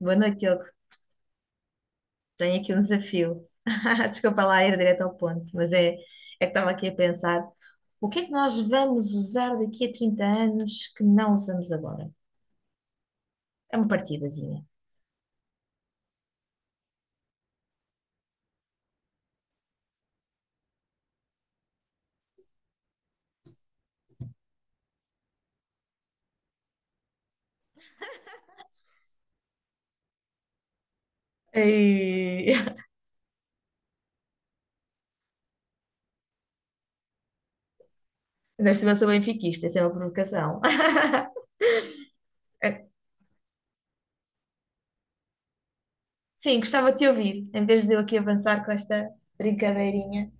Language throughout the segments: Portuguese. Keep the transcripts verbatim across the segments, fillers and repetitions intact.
Boa noite, Diogo. Tenho aqui um desafio. Desculpa lá ir direto ao ponto, mas é, é que estava aqui a pensar: o que é que nós vamos usar daqui a trinta anos que não usamos agora? É uma partidazinha. Ei, ainda por cima sou benfiquista, isso é uma provocação. Sim, gostava de te ouvir, em vez de eu aqui avançar com esta brincadeirinha.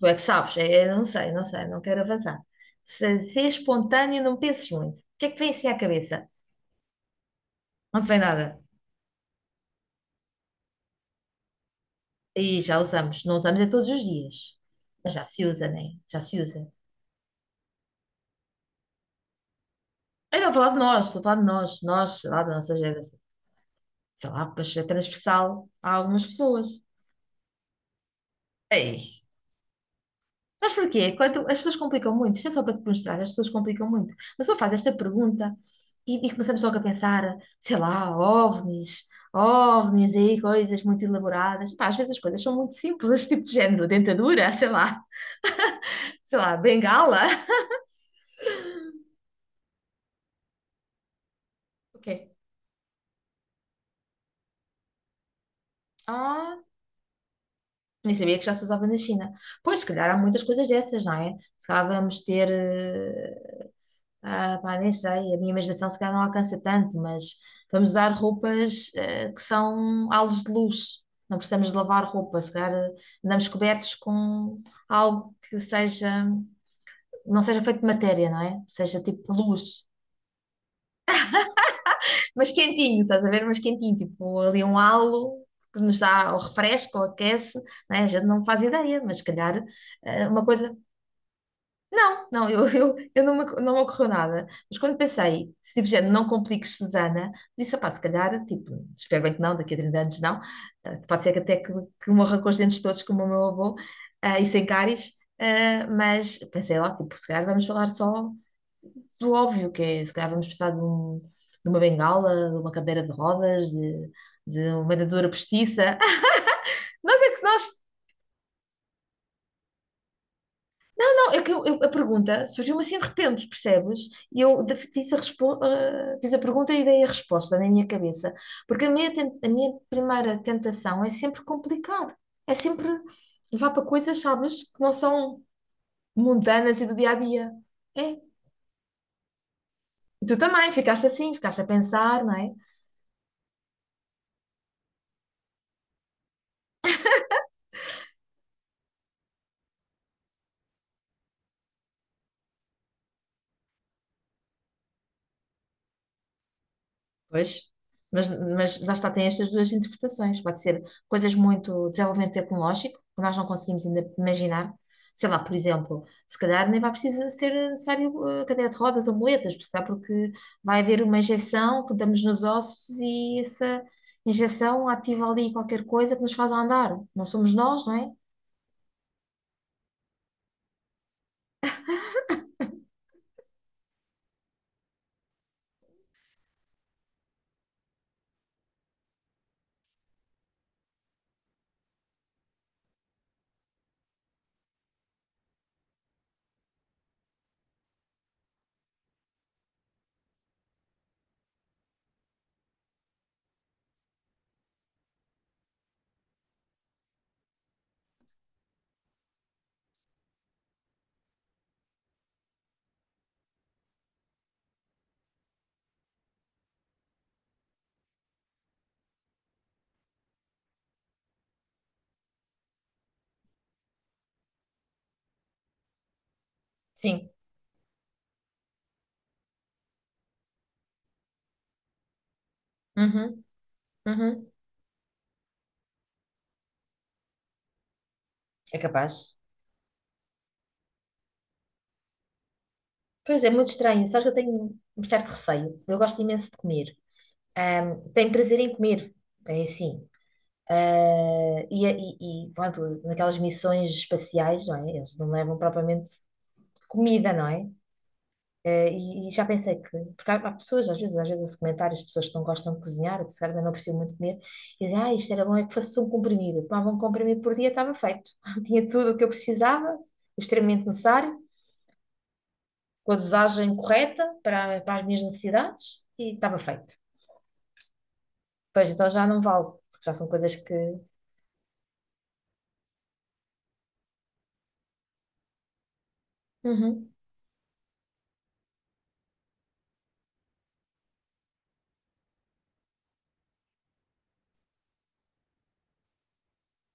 Tu é que sabes, é- eu não sei, não sei, não quero avançar. Se, se é espontâneo, não penses muito. O que é que vem assim à cabeça? Não te vem nada. E já usamos. Não usamos é todos os dias. Mas já se usa, né? Já se usa. Eu estou a falar de nós, estou a falar de nós, nós, sei lá, da nossa geração. Sei lá, pois é transversal a algumas pessoas. Ei, sabes porquê? Quando as pessoas complicam muito, isto é só para te mostrar, as pessoas complicam muito. Mas só faz esta pergunta e, e começamos logo a pensar, sei lá, ovnis, ovnis aí, coisas muito elaboradas. Pá, às vezes as coisas são muito simples, tipo de género, dentadura, sei lá, sei lá, bengala. Ok. Ah. Nem sabia que já se usava na China. Pois, se calhar há muitas coisas dessas, não é? Se calhar vamos ter. eh, ah, pá, nem sei, a minha imaginação se calhar não alcança tanto, mas vamos usar roupas eh, que são halos de luz. Não precisamos de lavar roupa, se calhar, eh, andamos cobertos com algo que seja. Não seja feito de matéria, não é? Seja tipo luz. Mas quentinho, estás a ver? Mas quentinho, tipo ali um halo que nos dá ou refresca ou aquece, não é? A gente não faz ideia, mas se calhar eh, uma coisa. Não, não, eu, eu, eu não, me, não me ocorreu nada. Mas quando pensei, tipo, gente, não compliques, Susana, disse, pá, se calhar, tipo, espero bem que não, daqui a trinta anos não. Eh, pode ser que até que, que morra com os dentes todos, como o meu avô, eh, e sem cáries. Eh, mas pensei lá, tipo, se calhar vamos falar só do óbvio, que é, se calhar vamos precisar de, um- de uma bengala, de uma cadeira de rodas, de, de uma dentadura postiça. Nós é que nós, é que eu- eu- a pergunta surgiu-me assim de repente, percebes? E eu de- fiz a, respo- ah, fiz a pergunta e dei a resposta na minha cabeça. Porque a minha, ten- a minha primeira tentação é sempre complicar, é sempre levar para coisas, sabes, que não são mundanas e do dia a dia. É. E tu também ficaste assim, ficaste a pensar, não é? Pois, mas, mas lá está, tem estas duas interpretações. Pode ser coisas muito desenvolvimento tecnológico, que nós não conseguimos ainda imaginar. Sei lá, por exemplo, se calhar nem vai precisar ser necessário, eh, cadeira de rodas ou muletas, por porque vai haver uma injeção que damos nos ossos e essa injeção ativa ali qualquer coisa que nos faz andar. Não somos nós, não é? Sim. Uhum, uhum. É capaz. Pois é, muito estranho. Sabes que eu tenho um certo receio. Eu gosto imenso de comer. Tenho prazer em comer. É assim. Eh, e, é, e, e, pronto, naquelas missões espaciais, não é? Eles não levam propriamente comida, não é? Eh, e, e já pensei que, porque há, há pessoas, às vezes, às vezes esse comentários pessoas que não gostam de cozinhar, que se calhar também não precisam muito comer, e dizem, ah, isto era bom, é que fosse um comprimido. Eu tomava um comprimido por dia, estava feito. Tinha tudo o que eu precisava, o extremamente necessário, com a dosagem correta para, para as minhas necessidades, e estava feito. Pois então já não vale, porque já são coisas que. Uhum.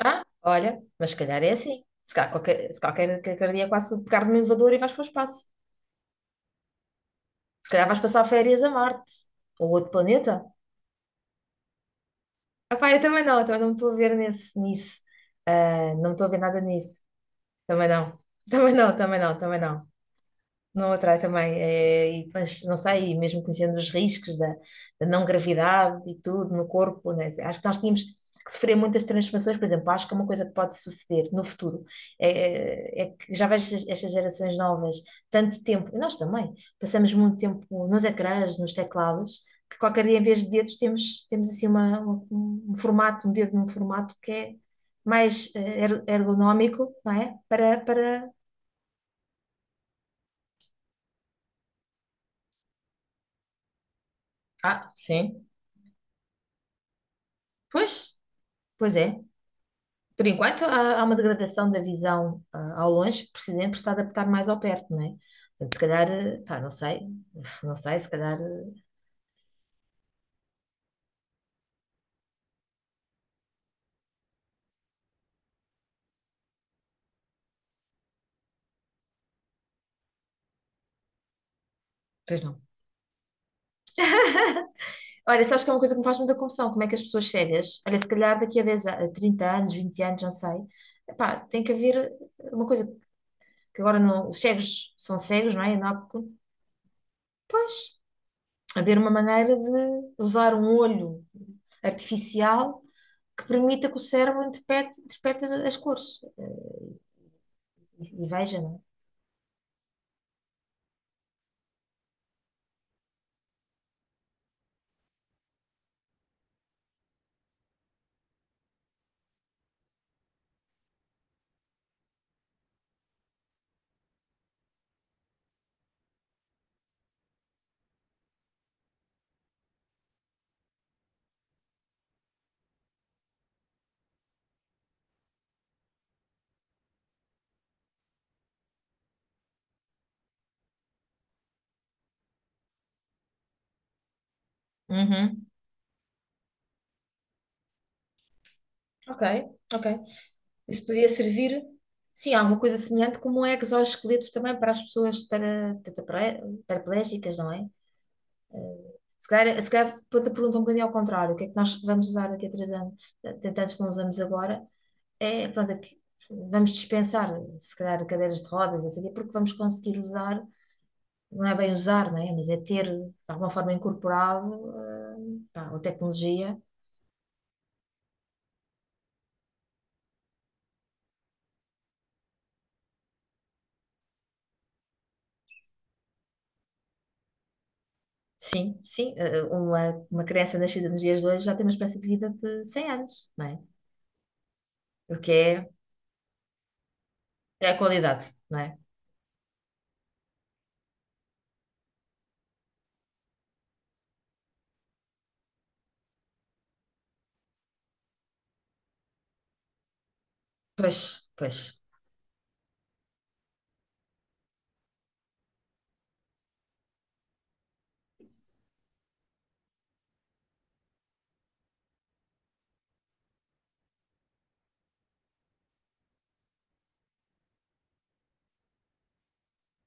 Ah, olha, mas se calhar é assim. Se calhar qualquer, se qualquer, qualquer dia quase um pegar no elevador e vais para o espaço. Se calhar vais passar férias a Marte ou outro planeta. Ah, pá, eu também não, eu também não me estou a ver nesse, nisso. Ah, não me estou a ver nada nisso. Também não. Também não, também não, também não. Não atrai também, é, e, mas não sei, mesmo conhecendo os riscos da, da não gravidade e tudo no corpo, né? Assim, acho que nós tínhamos que sofrer muitas transformações, por exemplo, acho que é uma coisa que pode suceder no futuro, é, é é que já vejo estas estas gerações novas tanto tempo, e nós também, passamos muito tempo nos ecrãs, nos teclados, que qualquer dia em vez de dedos temos, temos assim uma, uma- um formato, um dedo num formato que é mais, eh, er- ergonómico, não é? Para, para... Ah, sim. Pois, pois é. Por enquanto, há, há uma degradação da visão, ah, ao longe, precisando por se adaptar mais ao perto, não é? Portanto, se calhar, eh, pá, não sei, não sei, se calhar, eh, pois não. Olha, sabes que é uma coisa que me faz muita confusão, como é que as pessoas cegas, olha, se calhar daqui a dez, a- a trinta anos, vinte anos, não sei, epá, tem que haver, eh, uma coisa que agora não, os cegos são cegos, não é? Não há, pois, haver uma maneira de usar um olho artificial que permita que o cérebro interprete, interprete as cores. E, e veja, não é? Uhum. Ok, ok. Isso podia servir, sim, alguma coisa semelhante como exoesqueletos também para as pessoas tara- tetrapre- paraplégicas, não é? Eh, Se calhar, se calhar quando a pergunta é um bocadinho ao contrário, o que é que nós vamos usar daqui a três anos, tantos que não usamos agora, é, pronto, é que vamos dispensar, se calhar, cadeiras de rodas, assim, porque vamos conseguir usar, não é bem usar, não é? Mas é ter, de alguma forma, incorporado, eh, pá, a tecnologia. Sim, sim, eh, eh, uma, uma criança nascida nos dias de hoje já tem uma espécie de vida de cem anos, não é? O que é, é a qualidade, não é? Pois, pois.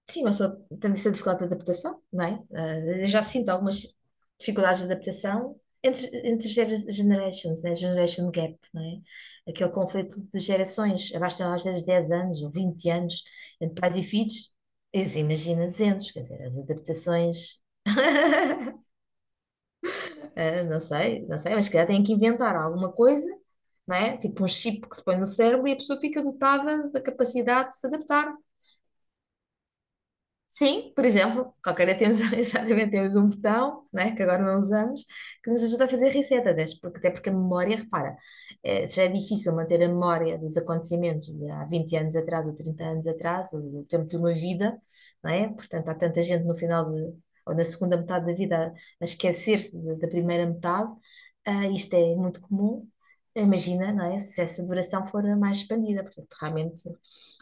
Sim, mas só tem essa dificuldade de adaptação, não é? Eh, Eu já sinto algumas dificuldades de adaptação entre, entre gera- generations, né? Generation gap, não é? Aquele conflito de gerações, abastam às vezes dez anos ou vinte anos entre pais e filhos, eles imagina duzentos, quer dizer, as adaptações. Ah, não sei, não sei, mas se calhar têm que inventar alguma coisa, não é? Tipo um chip que se põe no cérebro e a pessoa fica dotada da capacidade de se adaptar. Sim, por exemplo, qualquer dia temos exatamente temos um botão, né, que agora não usamos, que nos ajuda a fazer reset, até porque, até porque a memória, repara, eh, se já é difícil manter a memória dos acontecimentos de há vinte anos atrás, ou trinta anos atrás, ou do tempo de uma vida, não é? Portanto, há tanta gente no final de, ou na segunda metade da vida a a esquecer-se de- da primeira metade, ah, isto é muito comum. Imagina, não é? Se essa duração for a mais expandida, portanto, realmente.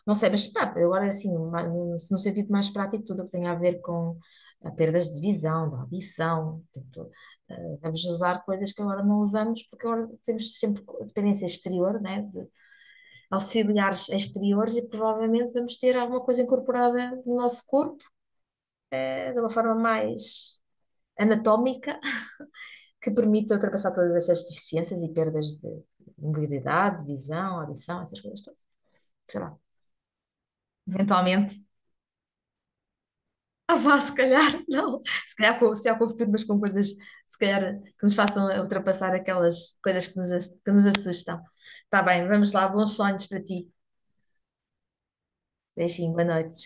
Não sei, mas pá, agora assim, ma- no no sentido mais prático, tudo o que tem a ver com, ah, perdas de visão, de audição, portanto, ah, vamos usar coisas que agora não usamos, porque agora temos sempre co- dependência exterior, né, de auxiliares exteriores, e provavelmente vamos ter alguma coisa incorporada no nosso corpo, eh, de uma forma mais anatómica, que permita ultrapassar todas essas deficiências e perdas de mobilidade, visão, audição, essas coisas todas. Sei lá, eventualmente. Ah, vá, se calhar, não. Se calhar, com, se calhar com o futuro, mas com coisas, se calhar, que nos façam ultrapassar aquelas coisas que nos, que nos assustam. Tá bem, vamos lá. Bons sonhos para ti. Beijinho, boa noite.